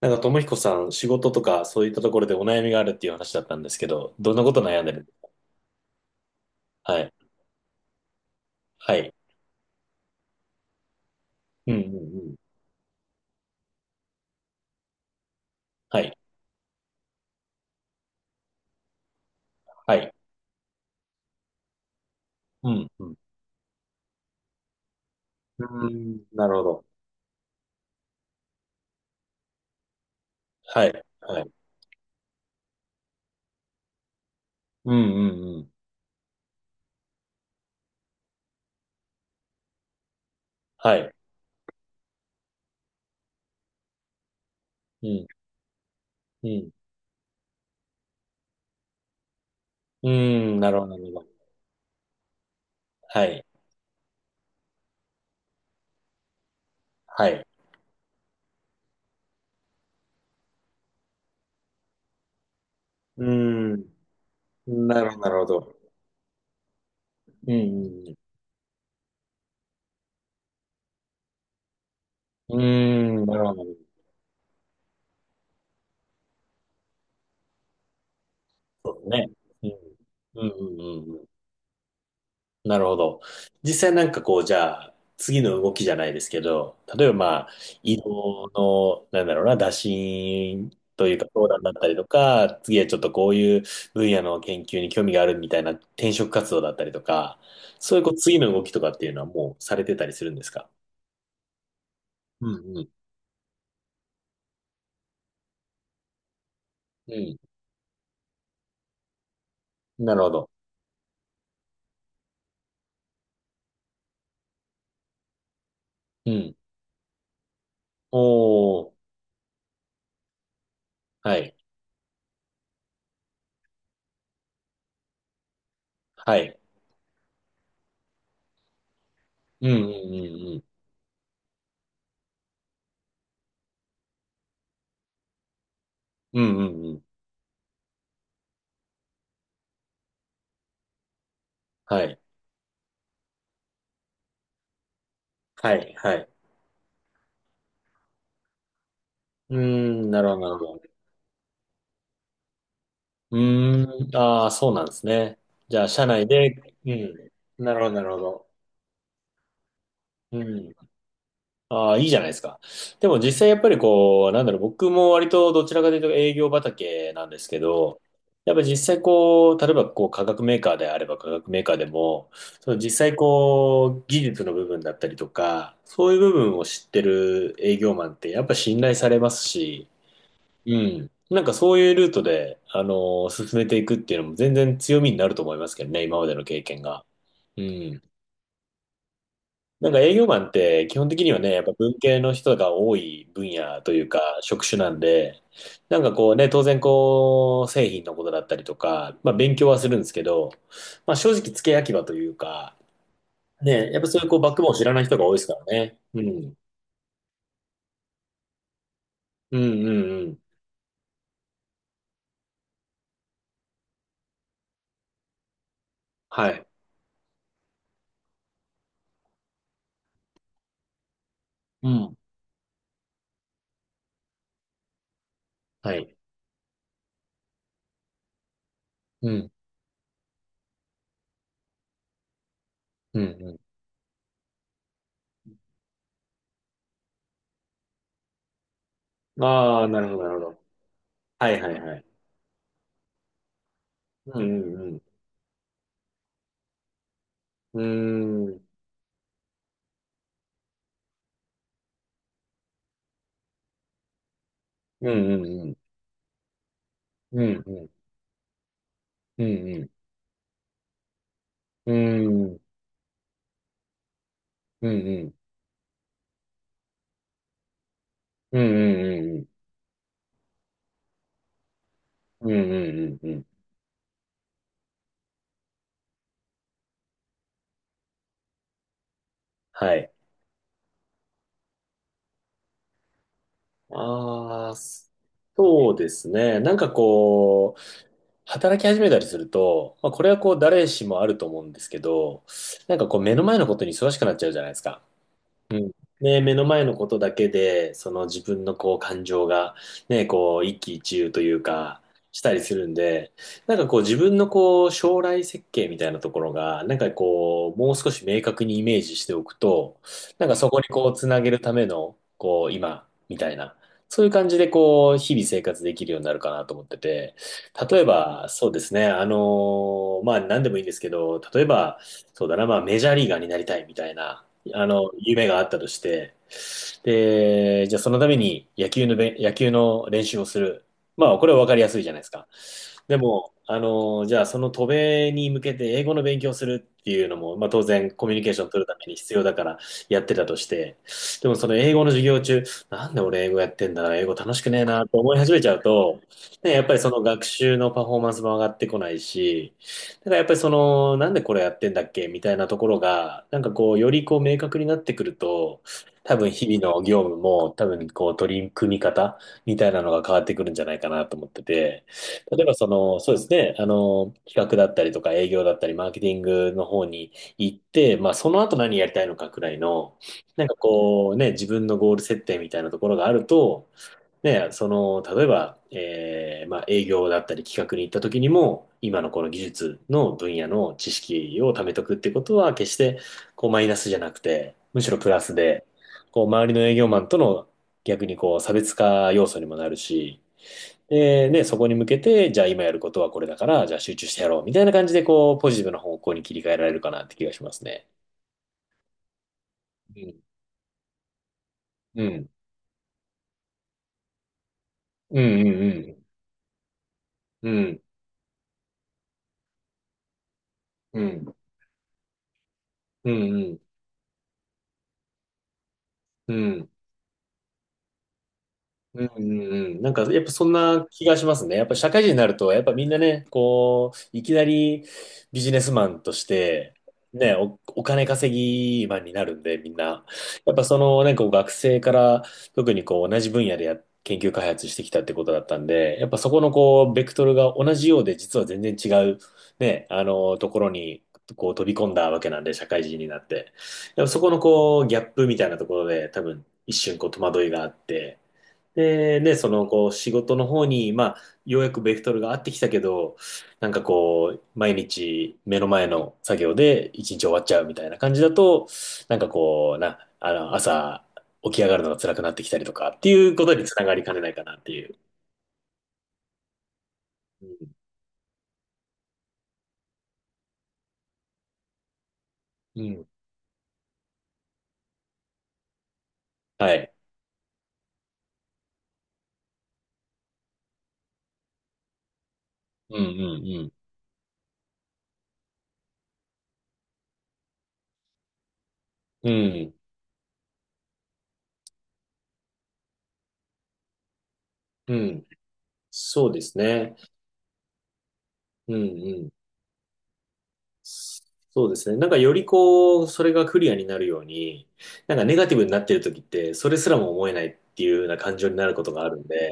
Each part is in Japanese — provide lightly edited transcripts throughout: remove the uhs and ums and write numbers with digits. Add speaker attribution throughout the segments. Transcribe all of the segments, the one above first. Speaker 1: なんか、ともひこさん、仕事とか、そういったところでお悩みがあるっていう話だったんですけど、どんなこと悩んでる？はい。はい。うん、うん、うん。はい。はい。うん、うん。うーん、なるほど。はい。はい。うん、うん、うん。はい。うん、うん。うーん、なるほど、なるほど。はい。はい。うーん、なるほど、なるほど。うん、うん、うん。うーん、なるほど。そうね。うん、うん、うん、うん。うん、なるほど。実際なんかこう、じゃあ、次の動きじゃないですけど、例えばまあ、移動の、なんだろうな、打診というか相談だったりとか、次はちょっとこういう分野の研究に興味があるみたいな転職活動だったりとか、そういうこう、次の動きとかっていうのはもうされてたりするんですか？うんうん。うん。なるほど。うん。おー。はい。はい。うんうんうんうん。うんうんうん。はい。はい。はい。うーん、なるほど、なるほど。うーん、ああ、そうなんですね。じゃあ、社内で、うん、なるほど、なるほど。うん。ああ、いいじゃないですか。でも実際やっぱりこう、なんだろう、僕も割とどちらかというと営業畑なんですけど、やっぱ実際こう、例えばこう、化学メーカーであれば化学メーカーでも、その実際こう、技術の部分だったりとか、そういう部分を知ってる営業マンってやっぱ信頼されますし、うん。なんかそういうルートで、あのー進めていくっていうのも全然強みになると思いますけどね、今までの経験が。うん。なんか営業マンって基本的にはね、やっぱ文系の人が多い分野というか職種なんで、なんかこうね、当然こう、製品のことだったりとか、まあ勉強はするんですけど、まあ正直付け焼き場というか、ね、やっぱそういうこうバックボーンを知らない人が多いですからね。うん。うんうんうん。はい。うん。はい。うん。うんうん。ああ、なるほど、なるほど。はいはいはい。うんうん。うーん。うんうんうん。うんうん。うんうん。うんうん。うんうんうんうん。うんうんうんうんうんうんうんうんうんうんうんうん。はい。ああ、そうですね。なんかこう、働き始めたりすると、まあ、これはこう誰しもあると思うんですけど、なんかこう目の前のことに忙しくなっちゃうじゃないですか。うん。ね、目の前のことだけで、その自分のこう感情が、ね、こう一喜一憂というか、したりするんで、なんかこう自分のこう将来設計みたいなところが、なんかこう、もう少し明確にイメージしておくと、なんかそこにこうつなげるための、こう今、みたいな、そういう感じでこう、日々生活できるようになるかなと思ってて、例えば、そうですね、あのまあ何でもいいんですけど、例えば、そうだな、まあメジャーリーガーになりたいみたいな、あの、夢があったとして、で、じゃあそのために野球の練習をする。まあ、これは分かりやすいじゃないですか。でも、あの、じゃあその渡米に向けて英語の勉強をするっていうのも、まあ当然コミュニケーションを取るために必要だからやってたとして、でもその英語の授業中、なんで俺英語やってんだな、英語楽しくねえなと思い始めちゃうと、ね、やっぱりその学習のパフォーマンスも上がってこないし、だからやっぱりその、なんでこれやってんだっけみたいなところが、なんかこう、よりこう明確になってくると、多分日々の業務も多分こう取り組み方みたいなのが変わってくるんじゃないかなと思ってて、例えばその、そうですね、あの、企画だったりとか営業だったりマーケティングの方に行って、まあその後何やりたいのかくらいの、なんかこうね、自分のゴール設定みたいなところがあると、ね、その、例えば、営業だったり企画に行った時にも、今のこの技術の分野の知識を貯めとくってことは、決してこうマイナスじゃなくて、むしろプラスで、こう周りの営業マンとの逆にこう差別化要素にもなるし、で、ね、そこに向けて、じゃあ今やることはこれだから、じゃあ集中してやろうみたいな感じで、こう、ポジティブな方向に切り替えられるかなって気がしますね。うん。うん。うん。うん。うん。うん。うん。うん。うん。うんうんうん。なんか、やっぱそんな気がしますね。やっぱ社会人になると、やっぱみんなね、こう、いきなりビジネスマンとして、ね、お金稼ぎマンになるんで、みんな。やっぱその、ね、こう学生から、特にこう、同じ分野でや、研究開発してきたってことだったんで、やっぱそこのこう、ベクトルが同じようで、実は全然違う、ね、あの、ところに、こう、飛び込んだわけなんで、社会人になって。やっぱそこのこう、ギャップみたいなところで、多分、一瞬こう、戸惑いがあって、で、ね、その、こう、仕事の方に、まあ、ようやくベクトルが合ってきたけど、なんかこう、毎日目の前の作業で一日終わっちゃうみたいな感じだと、なんかこう、あの、朝起き上がるのが辛くなってきたりとかっていうことにつながりかねないかなっていう。うん。うん。はい。うんうんうん。うん。うん。そうですね。うんうん。そうですね。なんかよりこう、それがクリアになるように、なんかネガティブになってる時って、それすらも思えないっていうような感情になることがあるんで、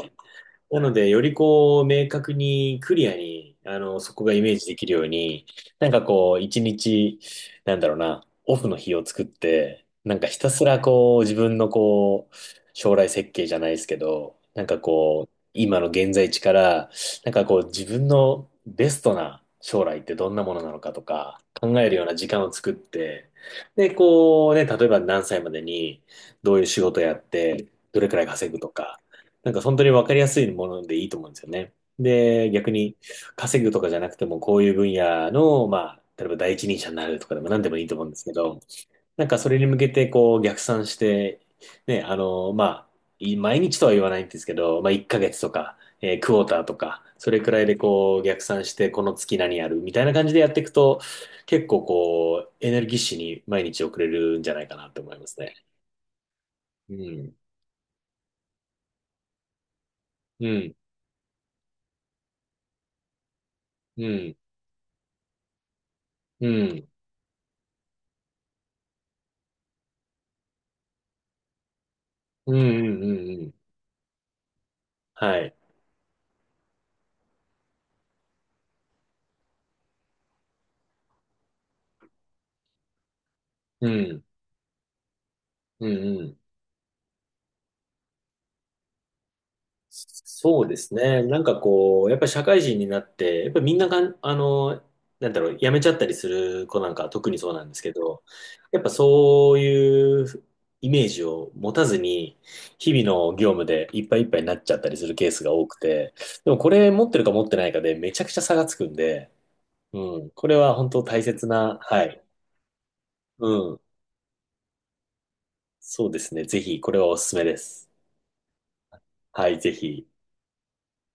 Speaker 1: なので、よりこう、明確にクリアに、あの、そこがイメージできるように、なんかこう、一日、なんだろうな、オフの日を作って、なんかひたすらこう、自分のこう、将来設計じゃないですけど、なんかこう、今の現在地から、なんかこう、自分のベストな将来ってどんなものなのかとか、考えるような時間を作って、で、こうね、例えば何歳までに、どういう仕事やって、どれくらい稼ぐとか、なんか本当に分かりやすいものでいいと思うんですよね。で、逆に稼ぐとかじゃなくても、こういう分野の、まあ、例えば第一人者になるとかでも何でもいいと思うんですけど、なんかそれに向けてこう逆算して、ね、あの、まあ、毎日とは言わないんですけど、まあ1ヶ月とか、クォーターとか、それくらいでこう逆算して、この月何やるみたいな感じでやっていくと、結構こう、エネルギッシュに毎日送れるんじゃないかなと思いますね。うん。うん。うん。うん。うん。うん。うん。うん。はい。うん。うんうん。そうですね。なんかこう、やっぱり社会人になって、やっぱりみんながあの、なんだろう、辞めちゃったりする子なんかは特にそうなんですけど、やっぱそういうイメージを持たずに、日々の業務でいっぱいいっぱいになっちゃったりするケースが多くて、でもこれ持ってるか持ってないかでめちゃくちゃ差がつくんで、うん、これは本当大切な、はい。うん、そうですね。ぜひ、これはおすすめです。はい、ぜひ。